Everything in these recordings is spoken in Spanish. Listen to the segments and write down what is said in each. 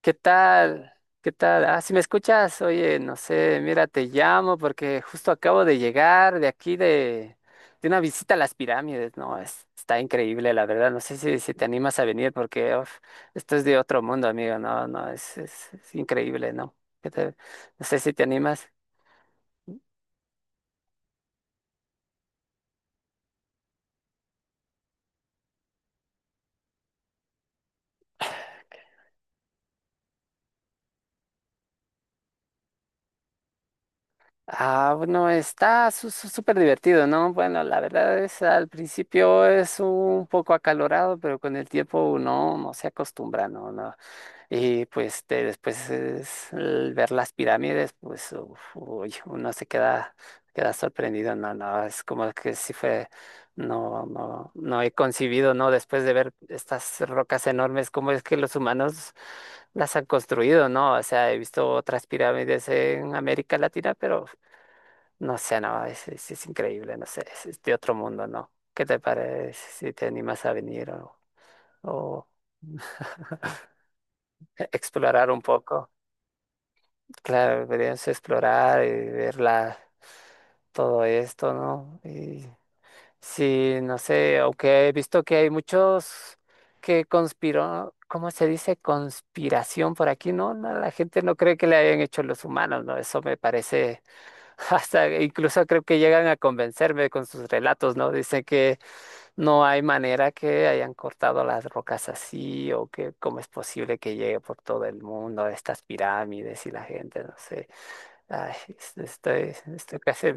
¿Qué tal? ¿Qué tal? Ah, si me escuchas, oye, no sé, mira, te llamo porque justo acabo de llegar de aquí de una visita a las pirámides, ¿no? Está increíble, la verdad. No sé si te animas a venir porque uf, esto es de otro mundo, amigo. No, no, es increíble, ¿no? ¿Qué te- no sé si te animas. Ah, bueno, está súper divertido, ¿no? Bueno, la verdad es, al principio es un poco acalorado, pero con el tiempo uno no se acostumbra, ¿no? No, y pues después es el ver las pirámides, pues uf, uy, uno se queda, queda sorprendido, no, no, es como que sí fue, no, no, no he concibido, ¿no? Después de ver estas rocas enormes, cómo es que los humanos las han construido, ¿no? O sea, he visto otras pirámides en América Latina, pero no sé, no, es increíble, no sé, es de otro mundo, ¿no? ¿Qué te parece si te animas a venir o explorar un poco? Claro, deberíamos explorar y todo esto, ¿no? Y sí, no sé, aunque he visto que hay muchos que conspiró, ¿cómo se dice? Conspiración por aquí, ¿no? No, la gente no cree que le hayan hecho los humanos, ¿no? Eso me parece, hasta incluso creo que llegan a convencerme con sus relatos, ¿no? Dicen que no hay manera que hayan cortado las rocas así o que cómo es posible que llegue por todo el mundo estas pirámides y la gente, no sé. Ay, estoy, estoy casi,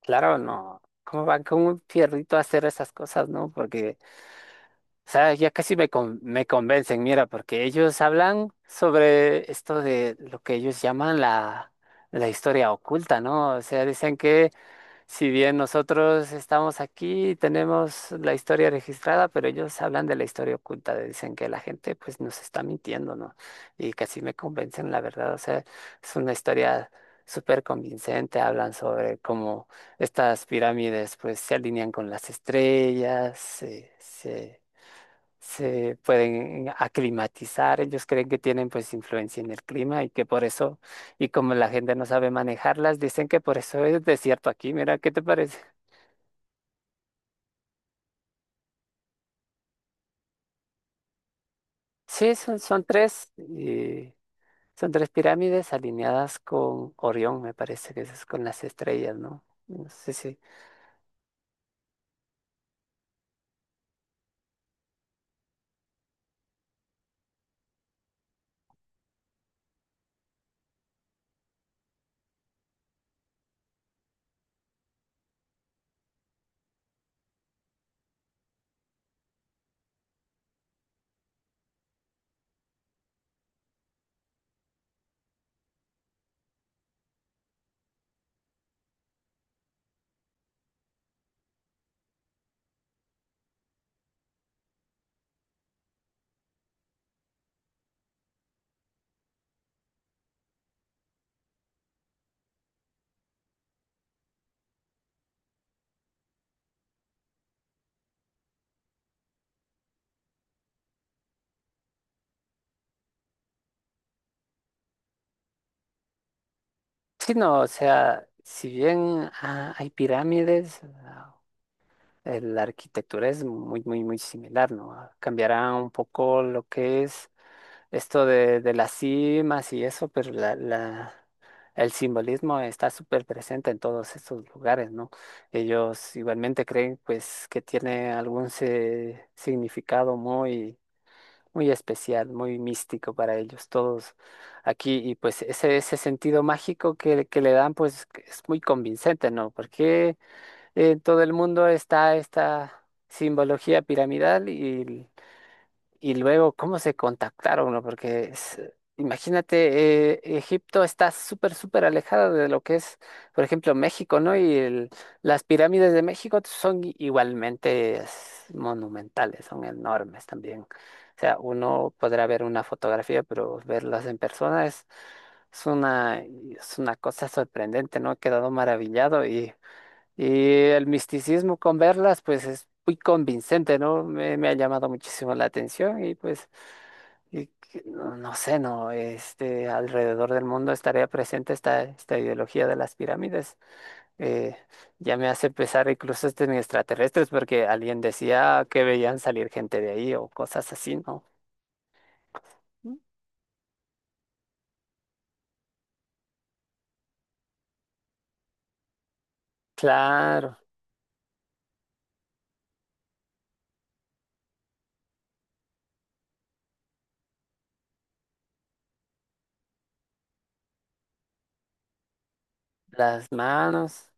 claro, no. ¿Cómo van con un fierrito a hacer esas cosas, no? Porque, o sea, ya casi me, me convencen, mira, porque ellos hablan sobre esto de lo que ellos llaman la, la historia oculta, ¿no? O sea, dicen que si bien nosotros estamos aquí y tenemos la historia registrada, pero ellos hablan de la historia oculta, dicen que la gente pues nos está mintiendo, ¿no? Y casi me convencen, la verdad, o sea, es una historia súper convincente, hablan sobre cómo estas pirámides pues se alinean con las estrellas, se pueden aclimatizar, ellos creen que tienen pues influencia en el clima y que por eso, y como la gente no sabe manejarlas, dicen que por eso es desierto aquí, mira, ¿qué te parece? Sí, son tres, son tres pirámides alineadas con Orión, me parece que es con las estrellas, ¿no? No sé si, sí, no, o sea, si bien ah, hay pirámides, la arquitectura es muy, muy, muy similar, ¿no? Cambiará un poco lo que es esto de las cimas y eso, pero la, el simbolismo está súper presente en todos estos lugares, ¿no? Ellos igualmente creen pues que tiene algún significado muy, muy especial, muy místico para ellos todos aquí y pues ese sentido mágico que le dan pues que es muy convincente, ¿no? Porque en todo el mundo está esta simbología piramidal y luego cómo se contactaron, ¿no? Porque imagínate, Egipto está súper, súper alejada de lo que es, por ejemplo, México, ¿no? Las pirámides de México son igualmente es, monumentales, son enormes también. O sea, uno podrá ver una fotografía, pero verlas en persona es una cosa sorprendente, ¿no? He quedado maravillado y... Y el misticismo con verlas, pues es muy convincente, ¿no? Me ha llamado muchísimo la atención y pues, y no, no sé, ¿no? Este, alrededor del mundo estaría presente esta, esta ideología de las pirámides. Eh, ya me hace pensar incluso este en extraterrestres, porque alguien decía que veían salir gente de ahí o cosas así, ¿no? Claro, las manos.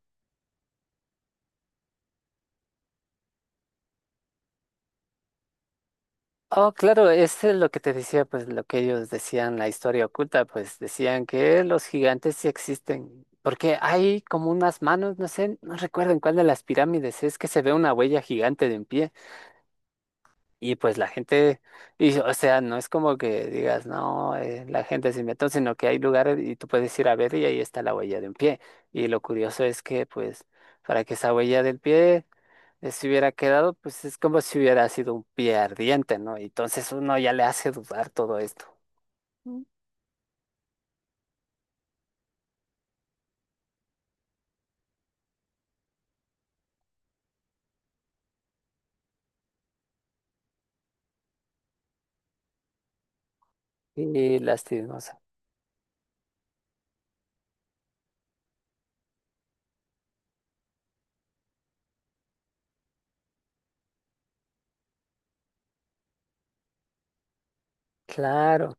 Oh, claro, es lo que te decía, pues lo que ellos decían, la historia oculta, pues decían que los gigantes sí existen, porque hay como unas manos, no sé, no recuerdo en cuál de las pirámides es que se ve una huella gigante de un pie y pues la gente, y, o sea, no es como que digas, no, la gente se inventó, sino que hay lugares y tú puedes ir a ver y ahí está la huella de un pie. Y lo curioso es que pues para que esa huella del pie se hubiera quedado, pues es como si hubiera sido un pie ardiente, ¿no? Y entonces uno ya le hace dudar todo esto. Y lastimosa. Claro,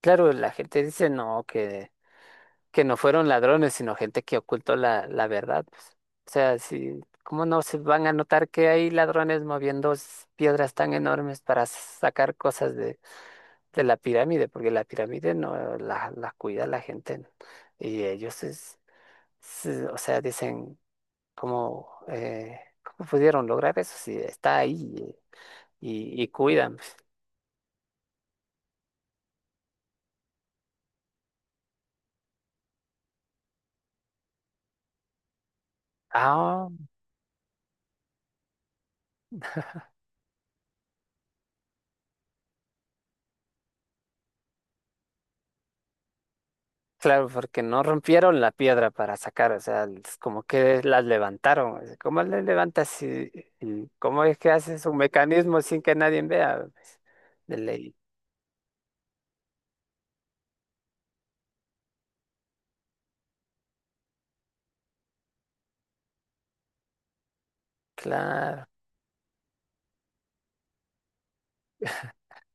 claro, la gente dice no, que no fueron ladrones, sino gente que ocultó la, la verdad pues. O sea, si, ¿cómo no se van a notar que hay ladrones moviendo piedras tan enormes para sacar cosas de la pirámide? Porque la pirámide no la, la cuida la gente, ¿no? Y ellos es, o sea, dicen. ¿Cómo, cómo pudieron lograr eso si está ahí y cuidan pues? Ah, claro, porque no rompieron la piedra para sacar, o sea, es como que las levantaron, o sea, ¿cómo las levantas y cómo es que haces un mecanismo sin que nadie vea pues, de ley? Claro,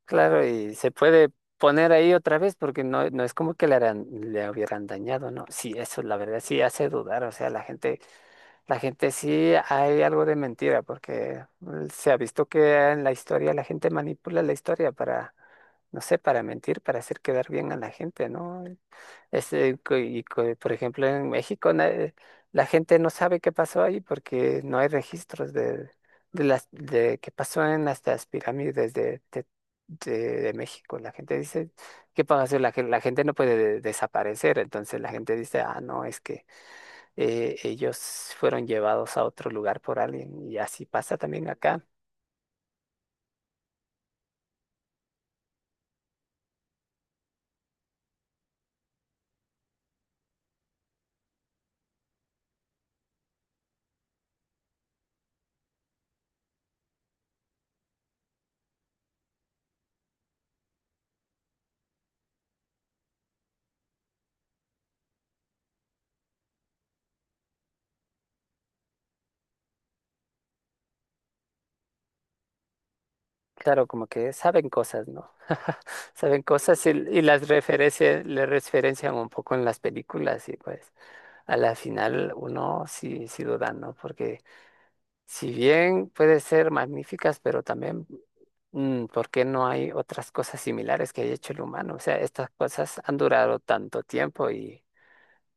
claro, y se puede poner ahí otra vez porque no, no es como que le, le hubieran dañado, ¿no? Sí, eso la verdad sí hace dudar, o sea, la gente sí hay algo de mentira, porque se ha visto que en la historia la gente manipula la historia para, no sé, para mentir, para hacer quedar bien a la gente, ¿no? Este, por ejemplo, en México la gente no sabe qué pasó ahí porque no hay registros de las de qué pasó en las pirámides de México. La gente dice, ¿qué pasó? La, la gente no puede desaparecer, entonces la gente dice, ah, no, es que ellos fueron llevados a otro lugar por alguien y así pasa también acá. Claro, como que saben cosas, ¿no? Saben cosas y las referencias, le referencian un poco en las películas y pues a la final uno sí, sí duda, ¿no? Porque si bien puede ser magníficas, pero también, ¿por qué no hay otras cosas similares que haya hecho el humano? O sea, estas cosas han durado tanto tiempo y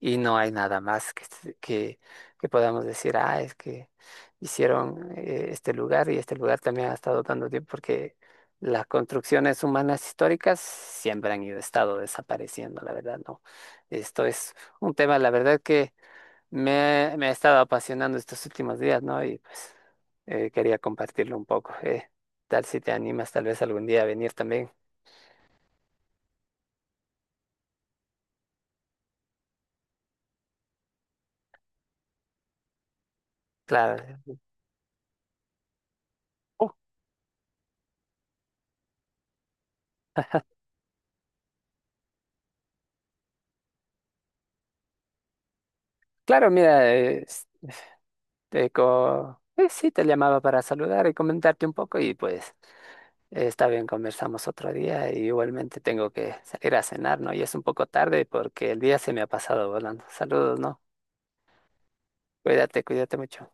Y no hay nada más que, que podamos decir, ah, es que hicieron este lugar y este lugar también ha estado dando tiempo porque las construcciones humanas históricas siempre han ido, estado desapareciendo, la verdad, ¿no? Esto es un tema, la verdad, que me ha estado apasionando estos últimos días, ¿no? Y pues quería compartirlo un poco. Tal si te animas tal vez algún día a venir también. Claro. Oh, claro, mira. Sí, te llamaba para saludar y comentarte un poco y pues está bien, conversamos otro día y igualmente tengo que salir a cenar, ¿no? Y es un poco tarde porque el día se me ha pasado volando. Saludos, ¿no? Cuídate, cuídate mucho.